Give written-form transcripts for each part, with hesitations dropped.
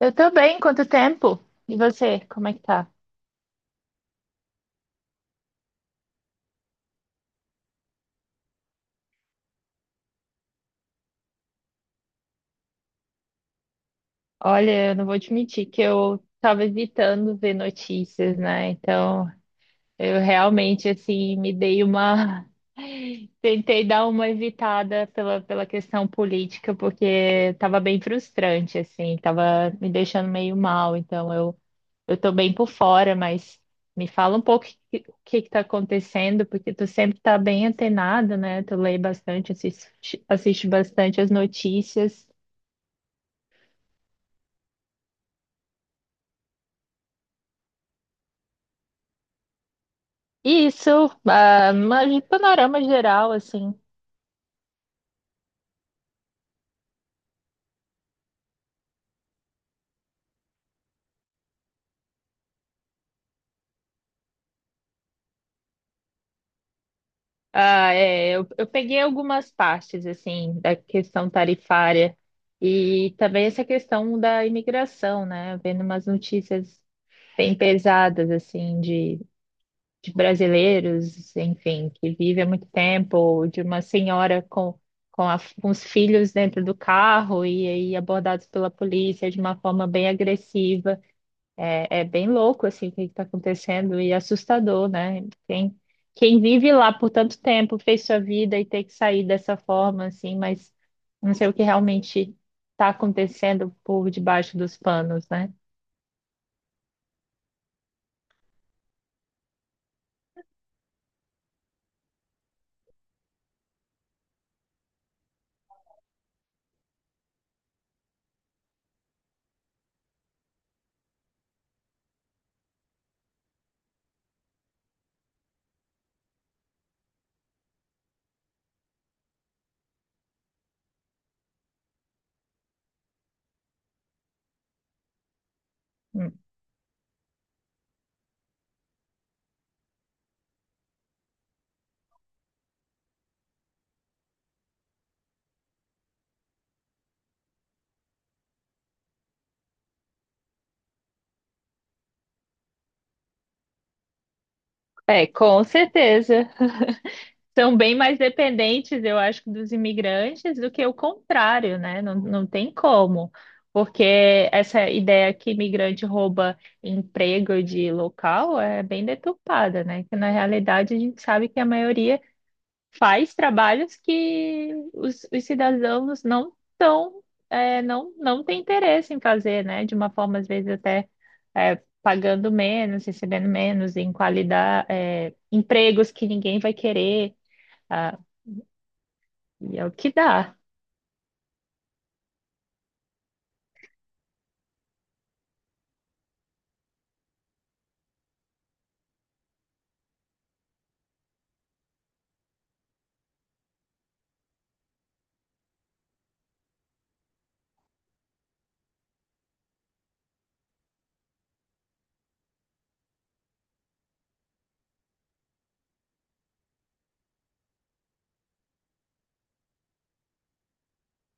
Eu tô bem, quanto tempo? E você, como é que tá? Olha, eu não vou admitir que eu tava evitando ver notícias, né? Então, eu realmente, assim, me dei uma. Tentei dar uma evitada pela questão política, porque tava bem frustrante, assim, tava me deixando meio mal. Então, eu tô bem por fora, mas me fala um pouco o que que tá acontecendo, porque tu sempre tá bem antenado, né? Tu lê bastante, assiste bastante as notícias. Isso, ah, mas de panorama geral, assim. Ah, é, eu peguei algumas partes, assim, da questão tarifária e também essa questão da imigração, né? Vendo umas notícias bem pesadas, assim, de brasileiros, enfim, que vivem há muito tempo, ou de uma senhora com os filhos dentro do carro e aí abordados pela polícia de uma forma bem agressiva. É, é bem louco assim o que está acontecendo e assustador, né? Quem, quem vive lá por tanto tempo, fez sua vida e tem que sair dessa forma assim, mas não sei o que realmente está acontecendo por debaixo dos panos, né? Hum. É, com certeza. São bem mais dependentes, eu acho, dos imigrantes do que o contrário, né? Não tem como, porque essa ideia que imigrante rouba emprego de local é bem deturpada, né? Que na realidade a gente sabe que a maioria faz trabalhos que os cidadãos não tão, não têm interesse em fazer, né? De uma forma, às vezes, até pagando menos, recebendo menos em qualidade, empregos que ninguém vai querer. E é o que dá.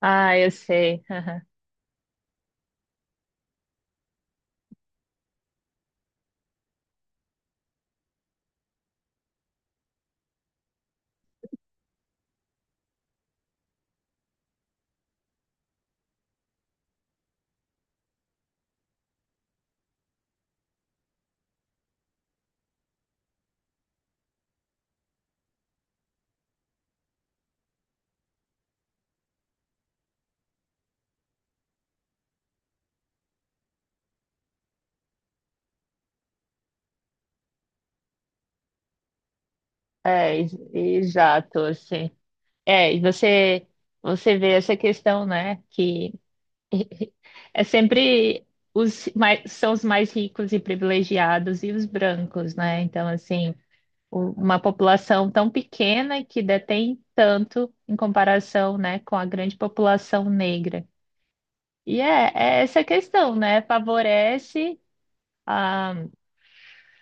Ah, eu sei. Aham. É, exato, assim. É, e você vê essa questão, né? Que é sempre são os mais ricos e privilegiados e os brancos, né? Então, assim, uma população tão pequena que detém tanto em comparação, né, com a grande população negra. E é essa questão, né? Favorece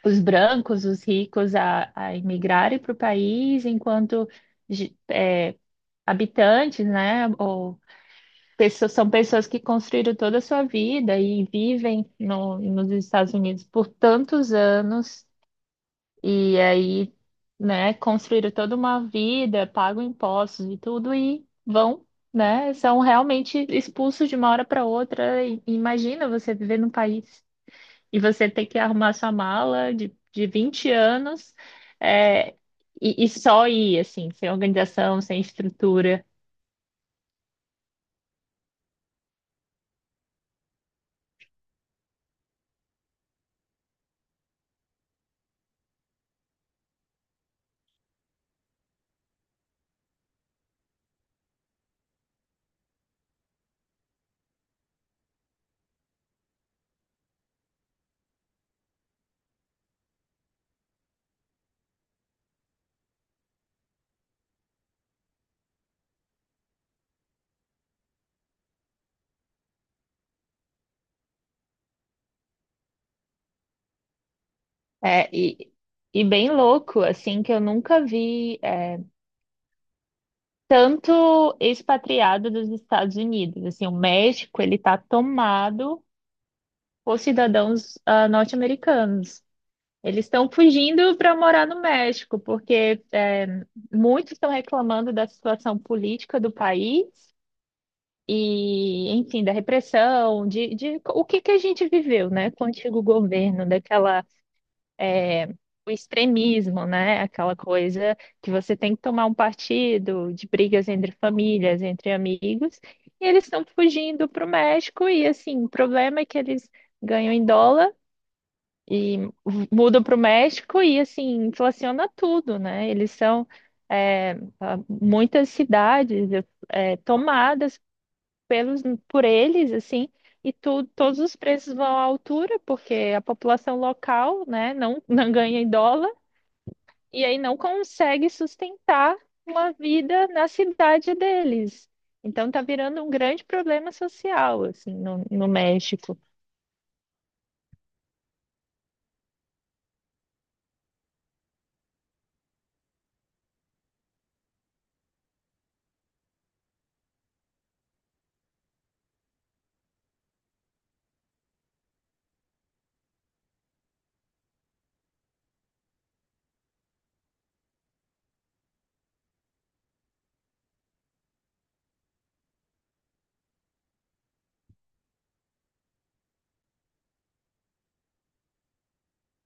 os brancos, os ricos a imigrarem para o país, enquanto ge- é, habitantes, né, ou pessoas, são pessoas que construíram toda a sua vida e vivem no, nos Estados Unidos por tantos anos e aí, né, construíram toda uma vida, pagam impostos e tudo e vão. Né? São realmente expulsos de uma hora para outra. Imagina você viver num país e você ter que arrumar sua mala de 20 anos, é, e só ir, assim, sem organização, sem estrutura. É, e bem louco, assim, que eu nunca vi tanto expatriado dos Estados Unidos. Assim, o México, ele tá tomado por cidadãos norte-americanos. Eles estão fugindo para morar no México, porque muitos estão reclamando da situação política do país e, enfim, da repressão, de o que que a gente viveu, né, com o antigo governo, daquela, é, o extremismo, né, aquela coisa que você tem que tomar um partido, de brigas entre famílias, entre amigos, e eles estão fugindo para o México, e assim, o problema é que eles ganham em dólar e mudam para o México e assim, inflaciona tudo, né, eles são. é, Muitas cidades tomadas pelos por eles, assim, e tu, todos os preços vão à altura, porque a população local, né, não, não ganha em dólar, e aí não consegue sustentar uma vida na cidade deles. Então tá virando um grande problema social, assim, no México.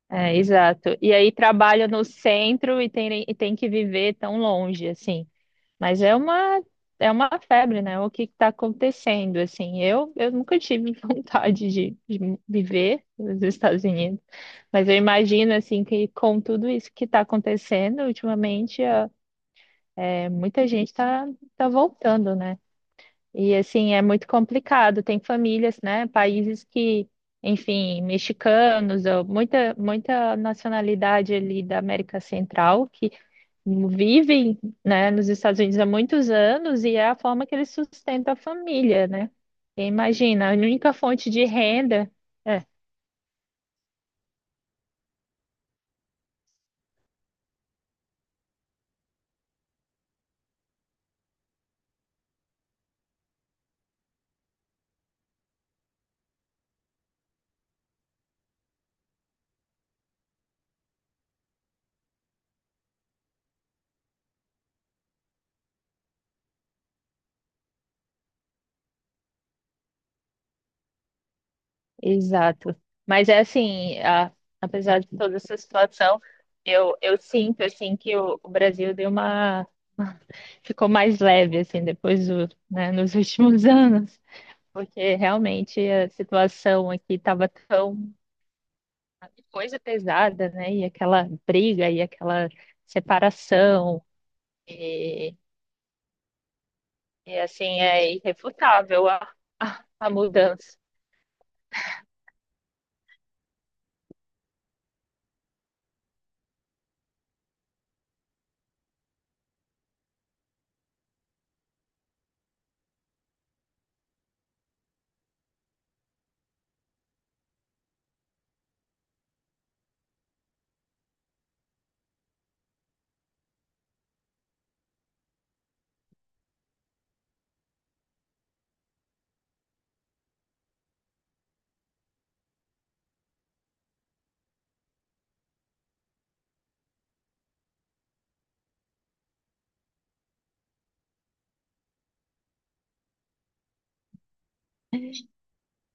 É, exato. E aí trabalha no centro e e tem que viver tão longe, assim. Mas é uma febre, né? O que está acontecendo? Assim, eu nunca tive vontade de viver nos Estados Unidos, mas eu imagino assim que com tudo isso que está acontecendo ultimamente, muita gente está tá tá voltando, né? E assim é muito complicado. Tem famílias, né? Países que, enfim, mexicanos ou muita nacionalidade ali da América Central vivem, né, nos Estados Unidos há muitos anos e é a forma que eles sustentam a família, né? E imagina, a única fonte de renda. É, exato. Mas é assim, apesar de toda essa situação, eu sinto assim que o Brasil deu uma ficou mais leve assim depois do, né, nos últimos anos, porque realmente a situação aqui estava tão coisa pesada, né? E aquela briga e aquela separação. E, e, assim é irrefutável a mudança.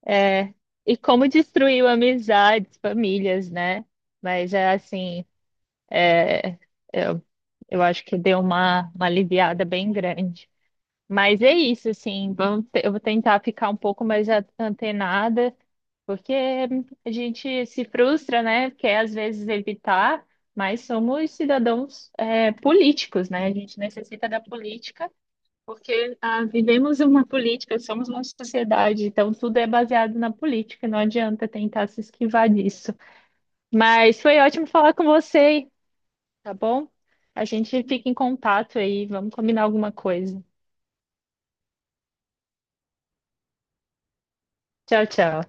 É, e como destruiu amizades, famílias, né? Mas é assim, eu, eu acho que deu uma aliviada bem grande. Mas é isso, assim, eu vou tentar ficar um pouco mais antenada, porque a gente se frustra, né? Quer às vezes evitar, mas somos cidadãos, políticos, né? A gente necessita da política. Porque vivemos uma política, somos uma sociedade, então tudo é baseado na política, não adianta tentar se esquivar disso. Mas foi ótimo falar com você, tá bom? A gente fica em contato aí, vamos combinar alguma coisa. Tchau, tchau.